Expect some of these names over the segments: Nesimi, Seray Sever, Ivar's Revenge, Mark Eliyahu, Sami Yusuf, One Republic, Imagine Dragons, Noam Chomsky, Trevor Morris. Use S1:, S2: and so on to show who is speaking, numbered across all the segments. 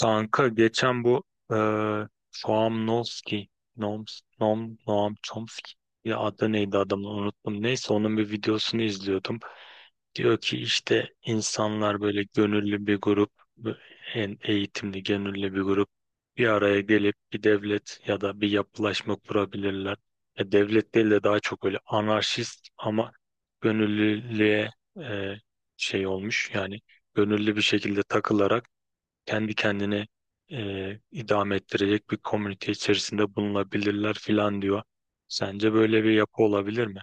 S1: Kanka geçen bu eee Noam Chomsky, Noam Chomsky, ya adı neydi adamı unuttum. Neyse onun bir videosunu izliyordum. Diyor ki işte insanlar böyle gönüllü bir grup, en eğitimli gönüllü bir grup bir araya gelip bir devlet ya da bir yapılaşma kurabilirler. Ya devlet değil de daha çok öyle anarşist ama gönüllülüğe eee, şey olmuş yani gönüllü bir şekilde takılarak kendi kendini idame ettirecek bir komünite içerisinde bulunabilirler filan diyor. Sence böyle bir yapı olabilir mi?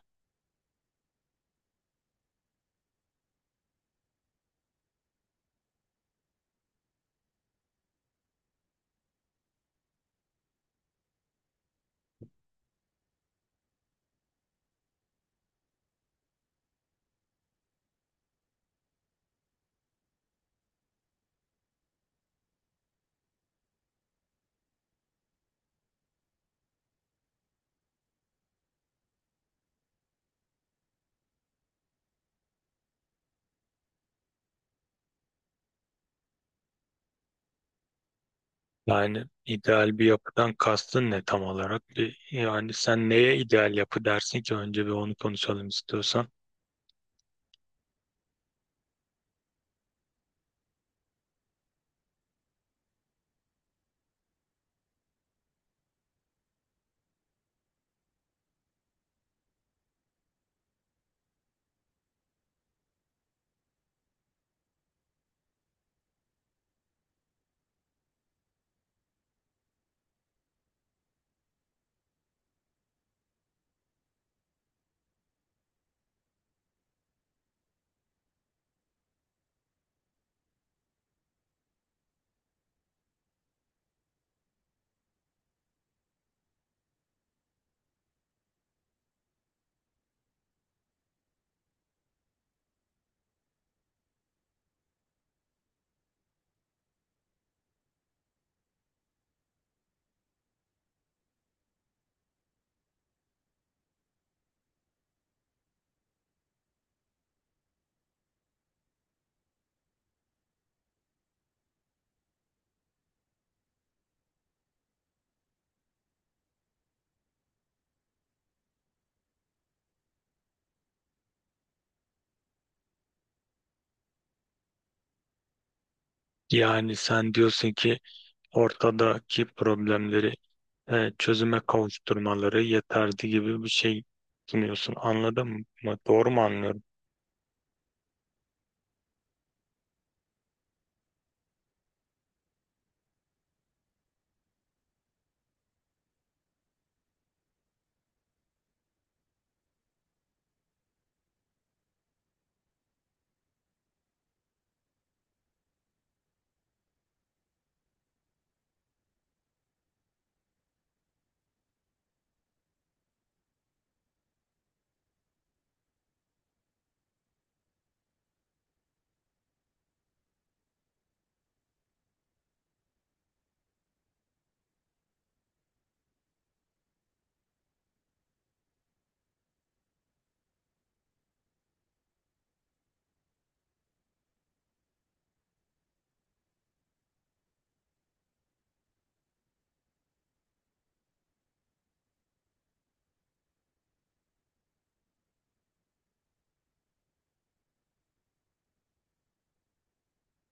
S1: Yani ideal bir yapıdan kastın ne tam olarak? Yani sen neye ideal yapı dersin ki önce bir onu konuşalım istiyorsan. Yani sen diyorsun ki ortadaki problemleri çözüme kavuşturmaları yeterli gibi bir şey sunuyorsun. Anladın mı? Doğru mu anlıyorum?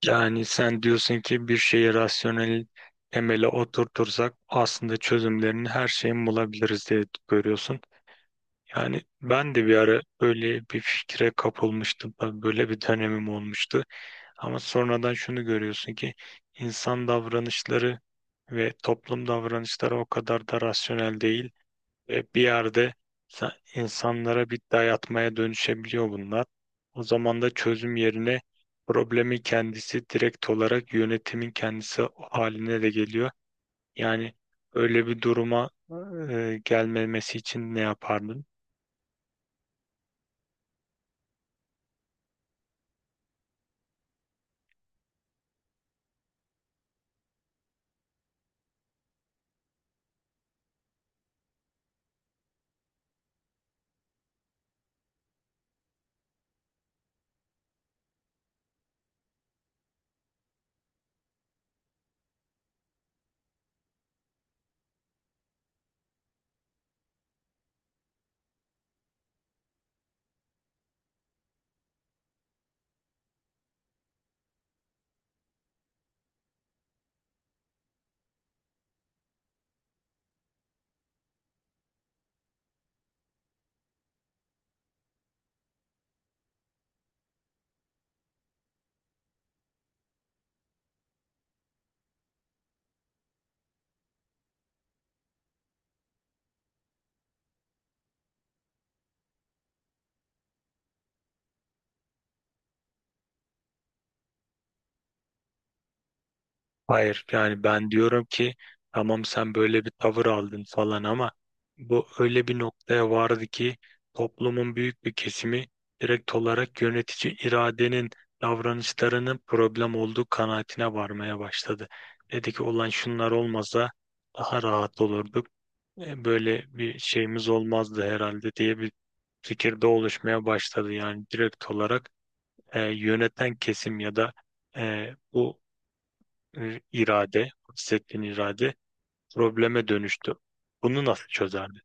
S1: Yani sen diyorsun ki bir şeyi rasyonel temele oturtursak aslında çözümlerini her şeyin bulabiliriz diye görüyorsun. Yani ben de bir ara böyle bir fikre kapılmıştım. Ben böyle bir dönemim olmuştu. Ama sonradan şunu görüyorsun ki insan davranışları ve toplum davranışları o kadar da rasyonel değil. E, bir yerde insanlara bir dayatmaya dönüşebiliyor bunlar. O zaman da çözüm yerine problemi kendisi direkt olarak yönetimin kendisi haline de geliyor. Yani öyle bir duruma gelmemesi için ne yapardın? Hayır, yani ben diyorum ki tamam sen böyle bir tavır aldın falan ama bu öyle bir noktaya vardı ki toplumun büyük bir kesimi direkt olarak yönetici iradenin davranışlarının problem olduğu kanaatine varmaya başladı. Dedi ki olan şunlar olmasa daha rahat olurduk. E, böyle bir şeyimiz olmazdı herhalde diye bir fikirde oluşmaya başladı. Yani direkt olarak yöneten kesim ya da e, bu irade, bahsettiğin irade probleme dönüştü. Bunu nasıl çözerdi?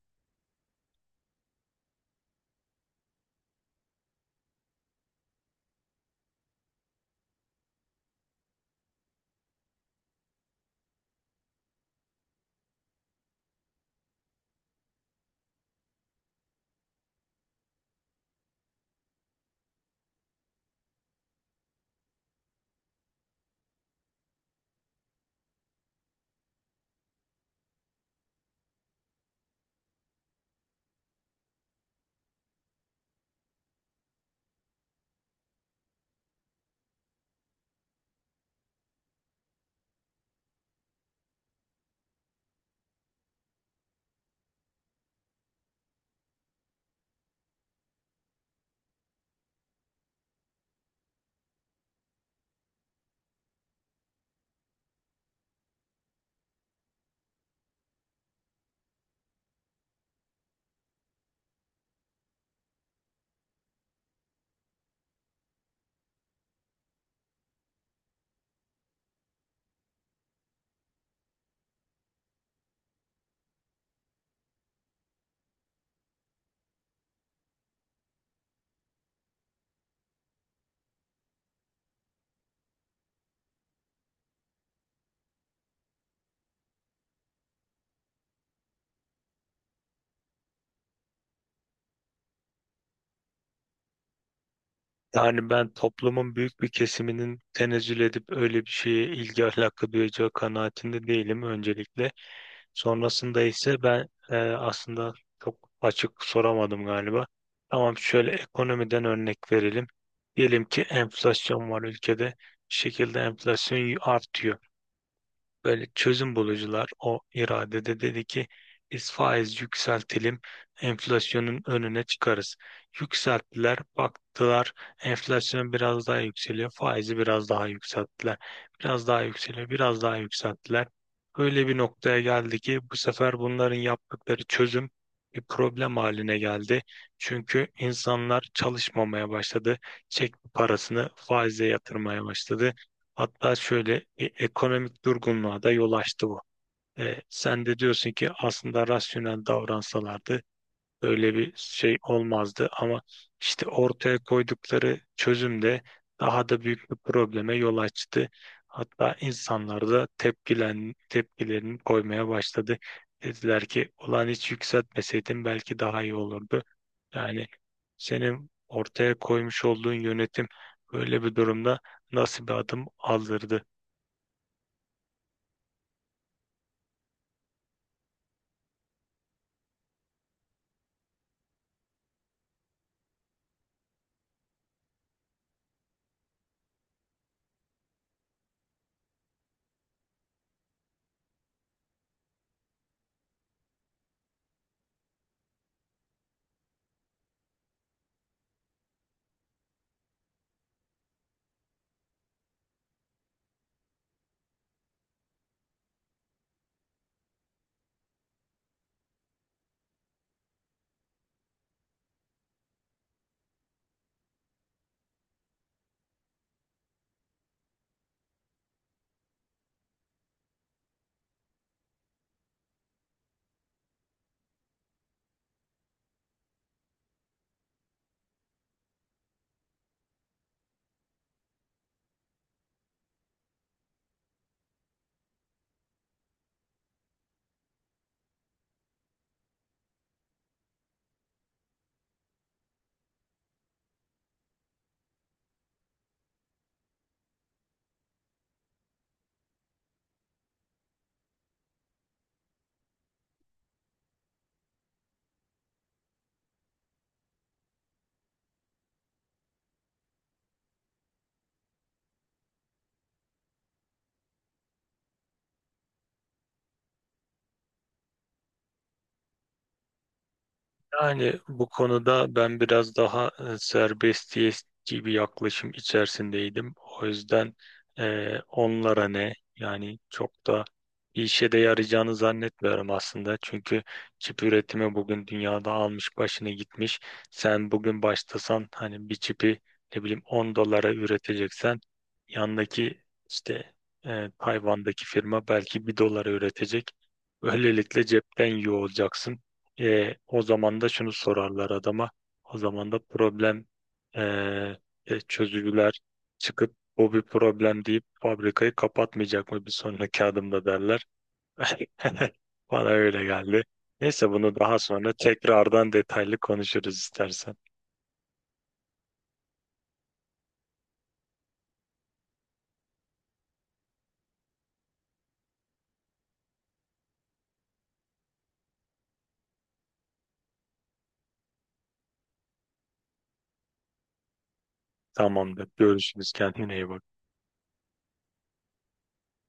S1: Yani ben toplumun büyük bir kesiminin tenezzül edip öyle bir şeye ilgi alaka duyacağı kanaatinde değilim öncelikle. Sonrasında ise ben aslında çok açık soramadım galiba. Tamam, şöyle ekonomiden örnek verelim. Diyelim ki enflasyon var ülkede. Bir şekilde enflasyon artıyor. Böyle çözüm bulucular o iradede dedi ki biz faiz yükseltelim enflasyonun önüne çıkarız. Yükselttiler, baktılar enflasyon biraz daha yükseliyor, faizi biraz daha yükselttiler. Biraz daha yükseliyor, biraz daha yükselttiler. Öyle bir noktaya geldi ki bu sefer bunların yaptıkları çözüm bir problem haline geldi. Çünkü insanlar çalışmamaya başladı. Çek parasını faize yatırmaya başladı. Hatta şöyle bir ekonomik durgunluğa da yol açtı bu. E, sen de diyorsun ki aslında rasyonel davransalardı böyle bir şey olmazdı ama işte ortaya koydukları çözüm de daha da büyük bir probleme yol açtı. Hatta insanlar da tepkilerini koymaya başladı. Dediler ki ulan hiç yükseltmeseydin belki daha iyi olurdu. Yani senin ortaya koymuş olduğun yönetim böyle bir durumda nasıl bir adım aldırdı? Yani bu konuda ben biraz daha serbestiyetçi bir yaklaşım içerisindeydim. O yüzden onlara ne yani çok da bir işe de yarayacağını zannetmiyorum aslında. Çünkü çip üretimi bugün dünyada almış başını gitmiş. Sen bugün başlasan hani bir çipi ne bileyim 10 dolara üreteceksen yandaki işte Tayvan'daki firma belki bir dolara üretecek. Böylelikle cepten yiyor olacaksın. E, o zaman da şunu sorarlar adama. O zaman da problem e, çözücüler çıkıp bu bir problem deyip fabrikayı kapatmayacak mı bir sonraki adımda derler. Bana öyle geldi. Neyse bunu daha sonra tekrardan detaylı konuşuruz istersen. Tamamdır. Görüşürüz. Kendine iyi bak.